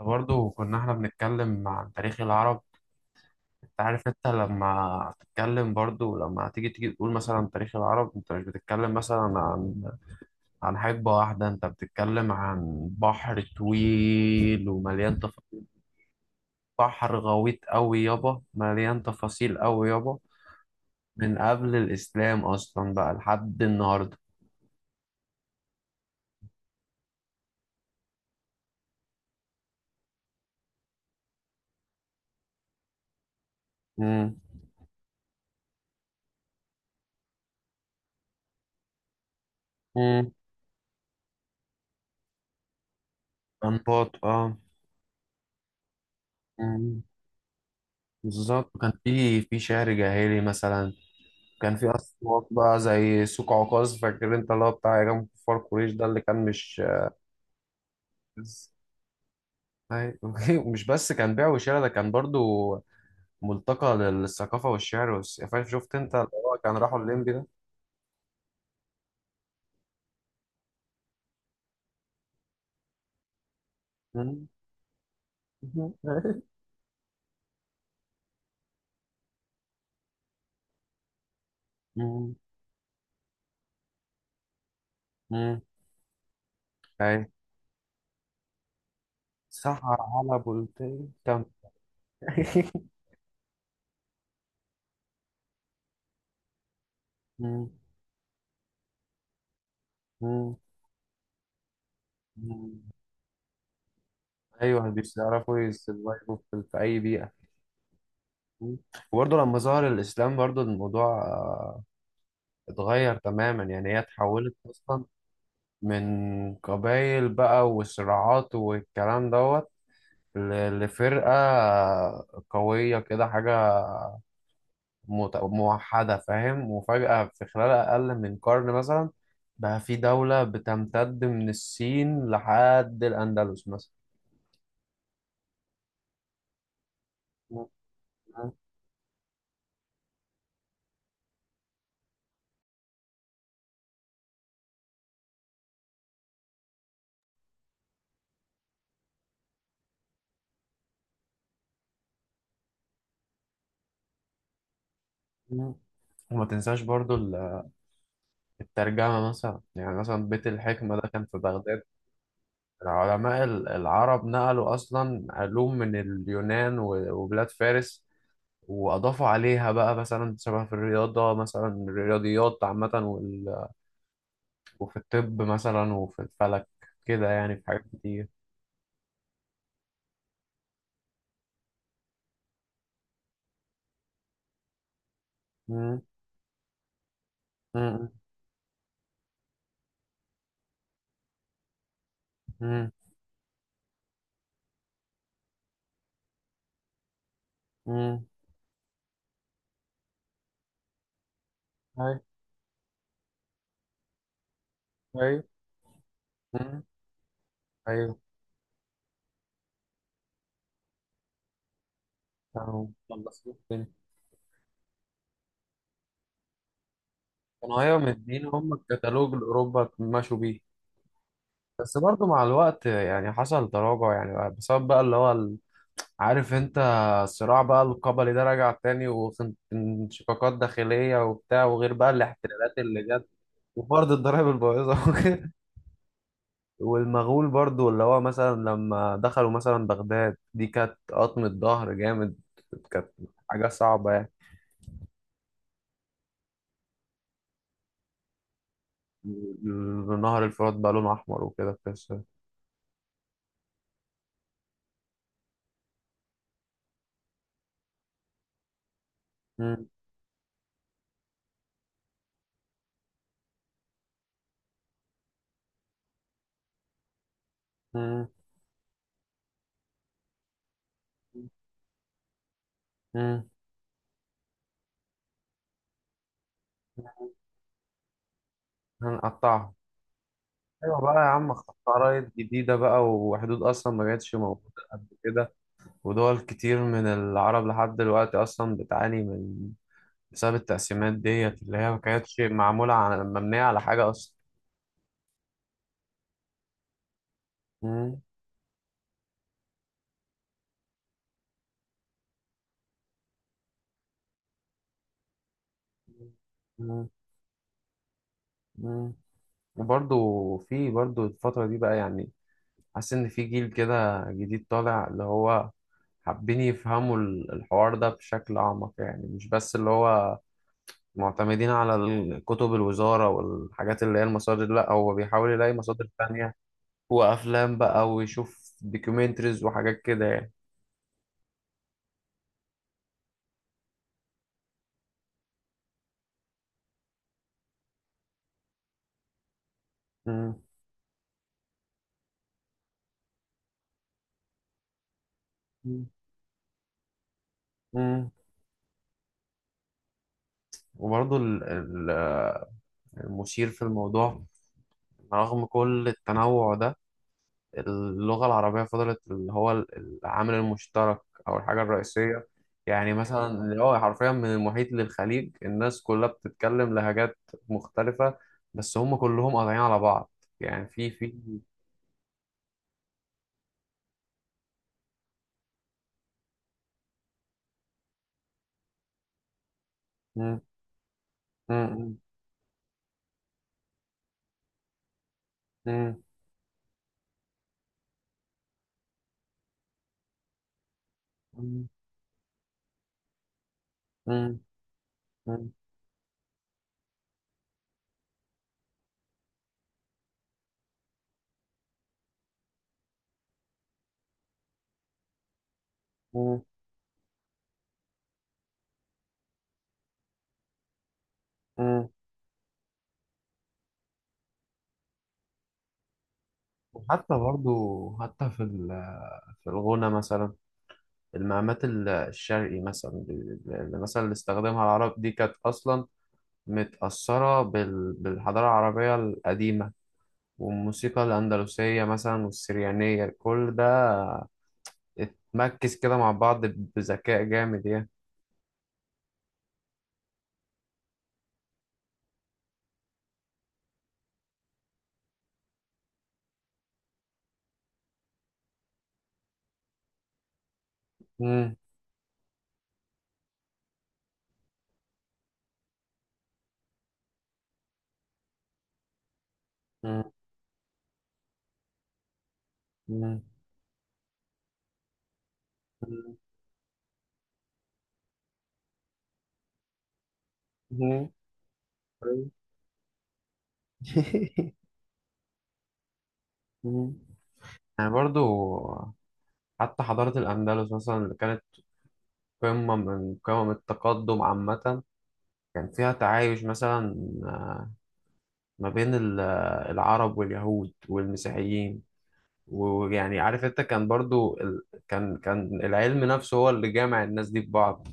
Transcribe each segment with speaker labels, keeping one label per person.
Speaker 1: برضه كنا احنا بنتكلم عن تاريخ العرب. انت عارف، انت لما تتكلم برضه لما تيجي تقول مثلا تاريخ العرب، انت مش بتتكلم مثلا عن حقبة واحدة، انت بتتكلم عن بحر طويل ومليان بحر غويط قوي يابا، مليان تفاصيل قوي يابا، من قبل الإسلام أصلا بقى لحد النهاردة. مم. مم. أنباط، اه. مم. بالظبط، كان في شعر جاهلي مثلا، كان في أصوات بقى زي سوق عكاظ، فاكر أنت اللي هو بتاع إمام كفار قريش ده اللي كان مش بس- أيوة. مش بس كان بيع وشراء، ده كان برضو ملتقى للثقافة والشعر فاهم؟ شفت أنت اللي هو كان راحوا الليمبي ده؟ مم. مم. مم. أي. سحر على بولتين تم. مم. مم. مم. أيوه، بيعرفوا يسرفايفوا في أي بيئة. مم. وبرضه لما ظهر الإسلام برضه الموضوع اتغير تماما. يعني هي اتحولت اصلا من قبايل بقى وصراعات والكلام دوت لفرقة قوية كده، حاجة موحدة، فاهم؟ وفجأة في خلال أقل من قرن مثلا بقى في دولة بتمتد من الصين لحد الأندلس مثلا. مم. وما تنساش برضو الترجمة مثلا، يعني مثلا بيت الحكمة ده كان في بغداد. العلماء العرب نقلوا أصلا علوم من اليونان وبلاد فارس، وأضافوا عليها بقى، مثلا شبه في الرياضة، مثلا الرياضيات عامة وفي الطب مثلا وفي الفلك كده، يعني في حاجات كتير. مم، مم، مم، مم. أيوه. أيوه. مم، أيوه. كانوا مخلصين الدنيا. كانوا، أيوه، مدين هم الكتالوج لأوروبا مشوا بيه. بس برضو مع الوقت يعني حصل تراجع، يعني بسبب بقى اللي هو، عارف انت، الصراع بقى القبلي ده رجع تاني، وانشقاقات داخلية وبتاع، وغير بقى الاحتلالات اللي جت، وفرض الضرائب البايظة وكده، والمغول برضو اللي هو مثلا لما دخلوا مثلا بغداد، دي كانت قطمة ظهر جامد، كانت حاجة صعبة يعني، نهر الفرات بقى لونه أحمر وكده قصة. هنقطعها. أيوة بقى يا عم، خرايط جديدة بقى، وحدود أصلا ما كانتش موجودة قبل كده، ودول كتير من العرب لحد دلوقتي أصلا بتعاني من، بسبب التقسيمات ديت اللي هي ما كانتش معمولة على، مبنية على حاجة أصلا. مم. مم. مم. وبرضو في برضو الفترة دي بقى، يعني حاسس إن في جيل كده جديد طالع، اللي هو حابين يفهموا الحوار ده بشكل أعمق، يعني مش بس اللي هو معتمدين على كتب الوزارة والحاجات اللي هي المصادر، لا هو بيحاول يلاقي مصادر تانية، وافلام بقى، ويشوف دوكيومنتريز وحاجات كده يعني. مم. مم. مم. وبرضه المثير في الموضوع، رغم كل التنوع ده، اللغة العربية فضلت اللي هو العامل المشترك، أو الحاجة الرئيسية. يعني مثلا اللي هو حرفيا من المحيط للخليج الناس كلها بتتكلم لهجات مختلفة، بس هم كلهم قاطعين على بعض، يعني في. مم. مم. مم. مم. مم. مم. مم. مم. حتى برضو، حتى في في الغنى مثلا، المقامات الشرقي مثلا، اللي مثلا اللي استخدمها العرب دي كانت أصلا متأثرة بالحضارة العربية القديمة، والموسيقى الأندلسية مثلا، والسريانية، كل ده اتمكس كده مع بعض بذكاء جامد يعني. مم. مم. مم. مم. مم. مم. يعني برضو حتى حضارة الأندلس مثلا اللي كانت قمة من قمم التقدم عامة، كان فيها تعايش مثلا آه، ما بين العرب واليهود والمسيحيين، ويعني عارف انت، كان برضو كان العلم نفسه هو اللي جامع الناس دي ببعض.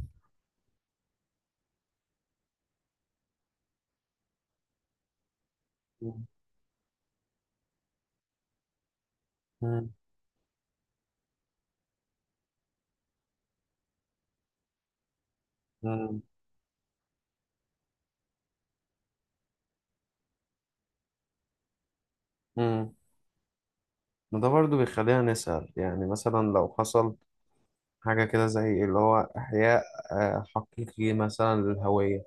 Speaker 1: مم. مم. مم. مم. وده برضو بيخلينا نسأل، يعني مثلا لو حصل حاجة كده زي اللي هو إحياء حقيقي مثلا للهوية،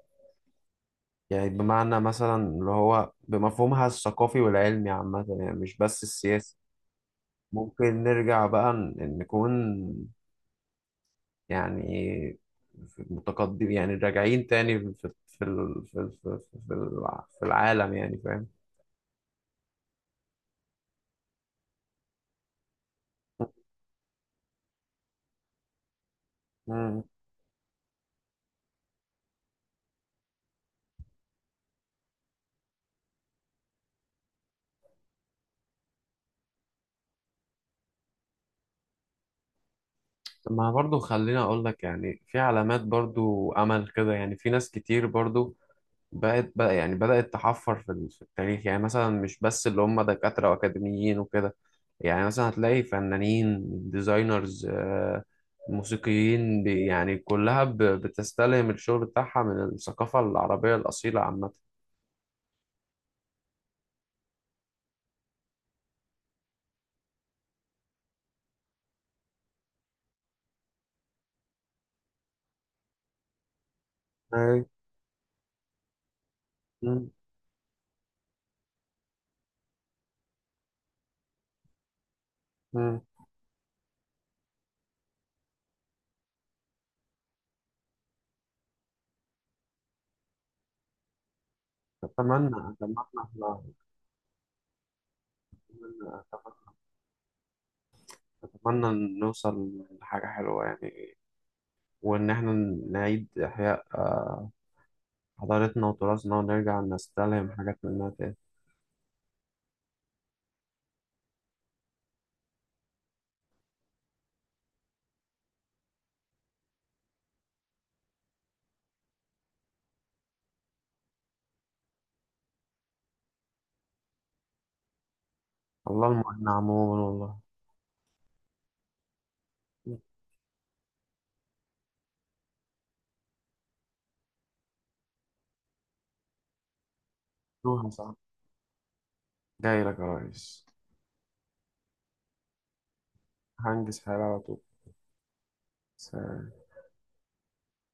Speaker 1: يعني بمعنى مثلا اللي هو بمفهومها الثقافي والعلمي عامة، يعني مش بس السياسي. ممكن نرجع بقى نكون يعني متقدم، يعني راجعين تاني في في ال- في ال- في في الع- في العالم يعني، فاهم؟ مم. طب، ما برضو خليني اقول لك، يعني في علامات برضو امل كده، يعني في ناس كتير برضو بقت بقى، يعني بدأت تحفر في في التاريخ، يعني مثلا مش بس اللي هم دكاترة وأكاديميين وكده، يعني مثلا هتلاقي فنانين، ديزاينرز، موسيقيين، يعني كلها بتستلهم الشغل بتاعها من الثقافة العربية الأصيلة عامة. أي. مم. مم. أتمنى، أتمنى. إحنا أتمنى نوصل لحاجة حلوة يعني، وإن إحنا نعيد إحياء حضارتنا وتراثنا، ونرجع نستلهم حاجات منها تاني. الله المعين عموما، والله. مكتوب صعب. جاي لك يا ريس. هنجز حالي على طول. سلام.